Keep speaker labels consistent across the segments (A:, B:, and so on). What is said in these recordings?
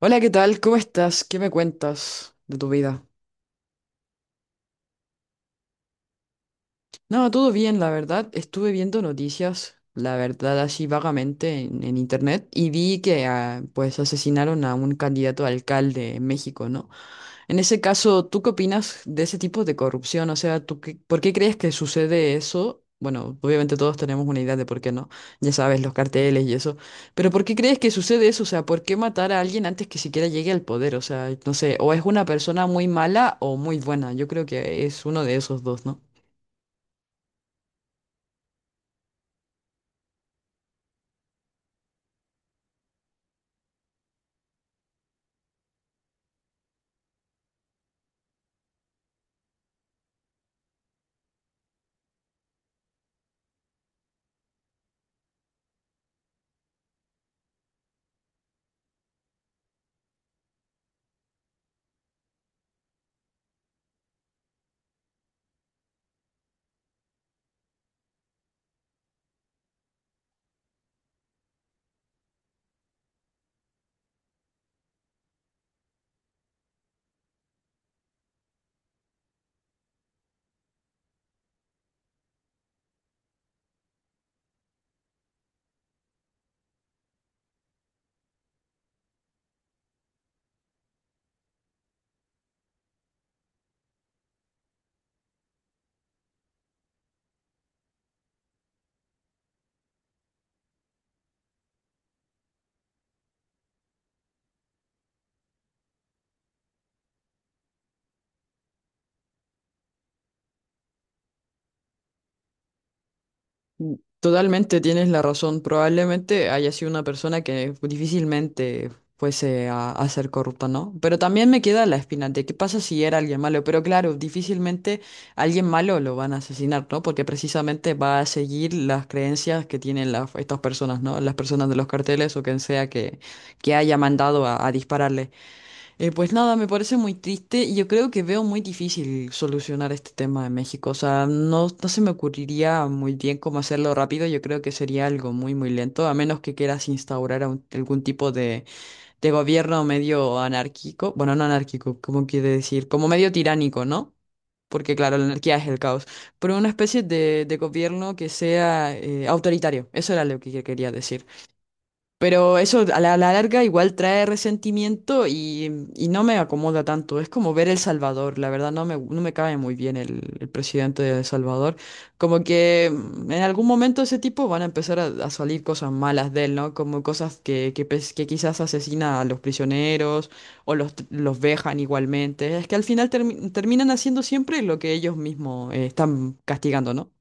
A: Hola, ¿qué tal? ¿Cómo estás? ¿Qué me cuentas de tu vida? No, todo bien, la verdad. Estuve viendo noticias, la verdad, así vagamente en internet y vi que ah, pues asesinaron a un candidato a alcalde en México, ¿no? En ese caso, ¿tú qué opinas de ese tipo de corrupción? O sea, ¿por qué crees que sucede eso? Bueno, obviamente todos tenemos una idea de por qué no, ya sabes, los carteles y eso, pero ¿por qué crees que sucede eso? O sea, ¿por qué matar a alguien antes que siquiera llegue al poder? O sea, no sé, o es una persona muy mala o muy buena, yo creo que es uno de esos dos, ¿no? Totalmente tienes la razón. Probablemente haya sido una persona que difícilmente fuese a ser corrupta, ¿no? Pero también me queda la espina de qué pasa si era alguien malo. Pero claro, difícilmente alguien malo lo van a asesinar, ¿no? Porque precisamente va a seguir las creencias que tienen las, estas personas, ¿no? Las personas de los carteles o quien sea que haya mandado a dispararle. Pues nada, me parece muy triste y yo creo que veo muy difícil solucionar este tema en México. O sea, no, no se me ocurriría muy bien cómo hacerlo rápido. Yo creo que sería algo muy, muy lento, a menos que quieras instaurar algún tipo de gobierno medio anárquico. Bueno, no anárquico, ¿cómo quiere decir? Como medio tiránico, ¿no? Porque claro, la anarquía es el caos. Pero una especie de gobierno que sea autoritario. Eso era lo que yo quería decir. Pero eso a la larga igual trae resentimiento y no me acomoda tanto. Es como ver El Salvador. La verdad no me cae muy bien el presidente de El Salvador. Como que en algún momento ese tipo van a empezar a salir cosas malas de él, ¿no? Como cosas que quizás asesina a los prisioneros o los vejan igualmente. Es que al final terminan haciendo siempre lo que ellos mismos están castigando, ¿no?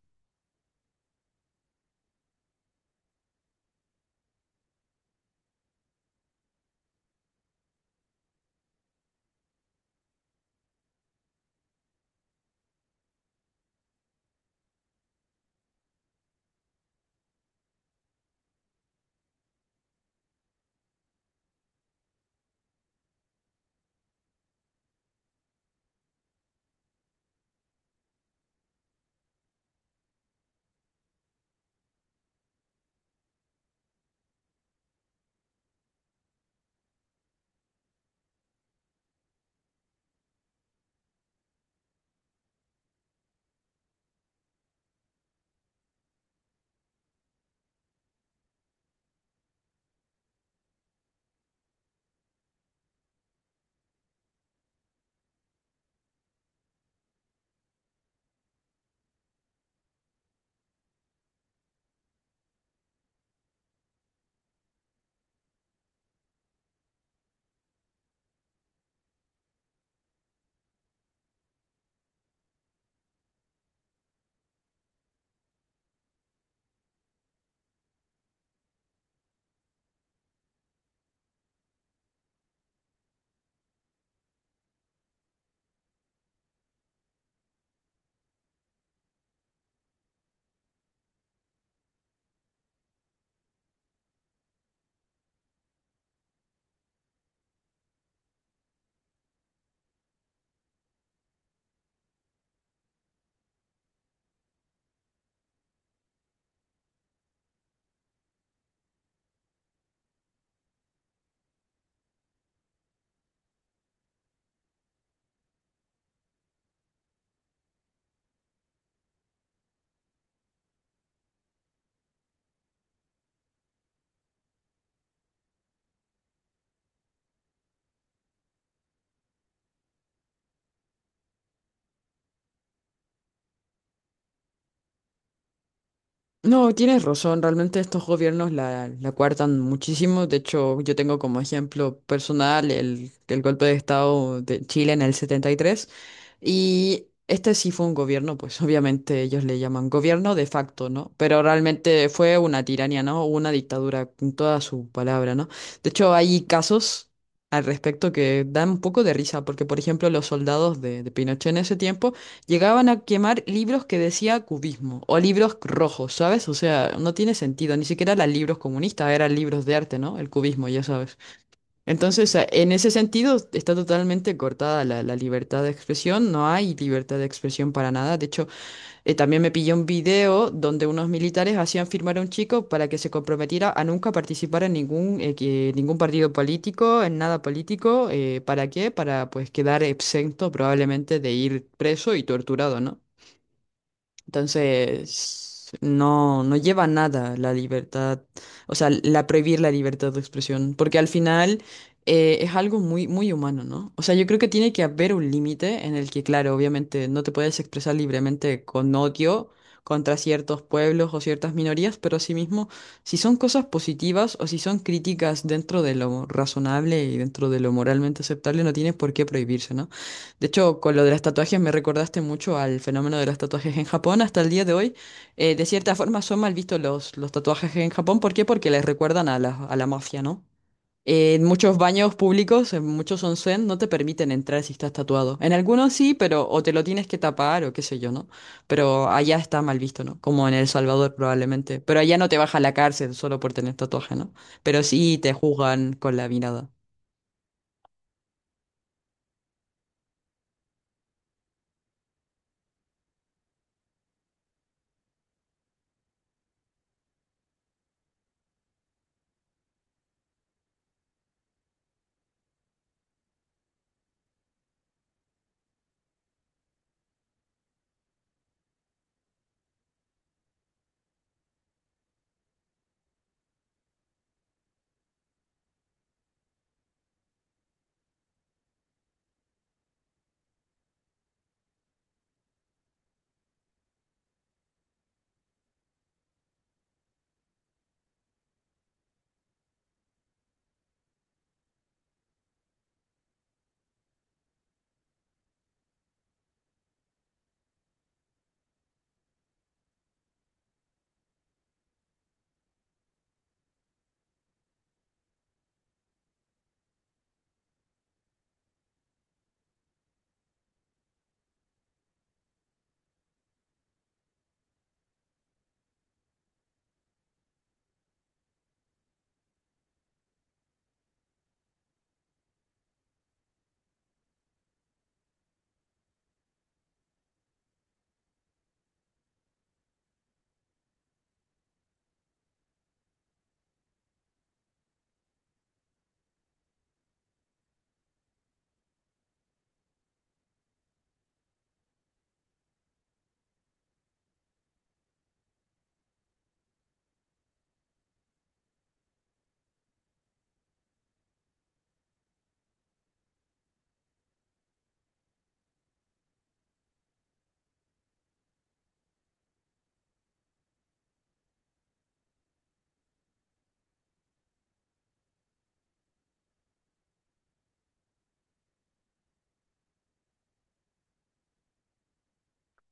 A: No, tienes razón, realmente estos gobiernos la coartan muchísimo. De hecho, yo tengo como ejemplo personal el golpe de Estado de Chile en el 73. Y tres. Y este sí fue un gobierno, pues obviamente ellos le llaman gobierno de facto, ¿no? Pero realmente fue una tiranía, ¿no? Una dictadura con toda su palabra, ¿no? De hecho, hay casos al respecto que dan un poco de risa, porque por ejemplo los soldados de Pinochet en ese tiempo llegaban a quemar libros que decía cubismo o libros rojos, ¿sabes? O sea, no tiene sentido, ni siquiera eran libros comunistas, eran libros de arte, ¿no? El cubismo, ya sabes. Entonces, en ese sentido, está totalmente cortada la libertad de expresión, no hay libertad de expresión para nada. De hecho, también me pilló un video donde unos militares hacían firmar a un chico para que se comprometiera a nunca participar en ningún partido político, en nada político, ¿para qué? Para pues quedar exento probablemente de ir preso y torturado, ¿no? Entonces, no, no lleva a nada la libertad, o sea, la prohibir la libertad de expresión, porque al final es algo muy, muy humano, ¿no? O sea, yo creo que tiene que haber un límite en el que, claro, obviamente no te puedes expresar libremente con odio contra ciertos pueblos o ciertas minorías, pero asimismo, si son cosas positivas o si son críticas dentro de lo razonable y dentro de lo moralmente aceptable, no tienes por qué prohibirse, ¿no? De hecho, con lo de las tatuajes me recordaste mucho al fenómeno de los tatuajes en Japón. Hasta el día de hoy, de cierta forma, son mal vistos los tatuajes en Japón. ¿Por qué? Porque les recuerdan a la mafia, ¿no? En muchos baños públicos, en muchos onsen, no te permiten entrar si estás tatuado. En algunos sí, pero o te lo tienes que tapar o qué sé yo, ¿no? Pero allá está mal visto, ¿no? Como en El Salvador probablemente. Pero allá no te baja a la cárcel solo por tener tatuaje, ¿no? Pero sí te juzgan con la mirada.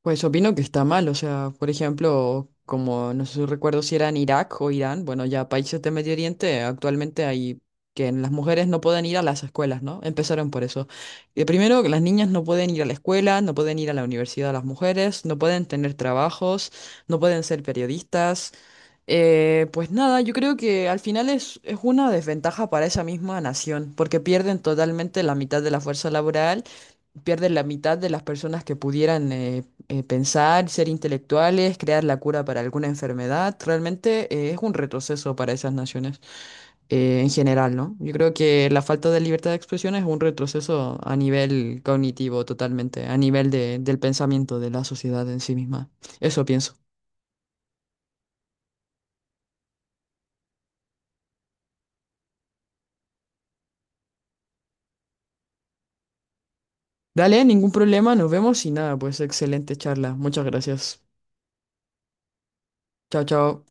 A: Pues opino que está mal, o sea, por ejemplo, como no sé, si recuerdo si era en Irak o Irán, bueno, ya países de Medio Oriente, actualmente hay que las mujeres no pueden ir a las escuelas, ¿no? Empezaron por eso. Y primero, que las niñas no pueden ir a la escuela, no pueden ir a la universidad las mujeres, no pueden tener trabajos, no pueden ser periodistas, pues nada, yo creo que al final es una desventaja para esa misma nación, porque pierden totalmente la mitad de la fuerza laboral, pierden la mitad de las personas que pudieran pensar, ser intelectuales, crear la cura para alguna enfermedad. Realmente es un retroceso para esas naciones en general, ¿no? Yo creo que la falta de libertad de expresión es un retroceso a nivel cognitivo totalmente, a nivel del pensamiento de la sociedad en sí misma. Eso pienso. Dale, ningún problema, nos vemos y nada, pues excelente charla. Muchas gracias. Chao, chao.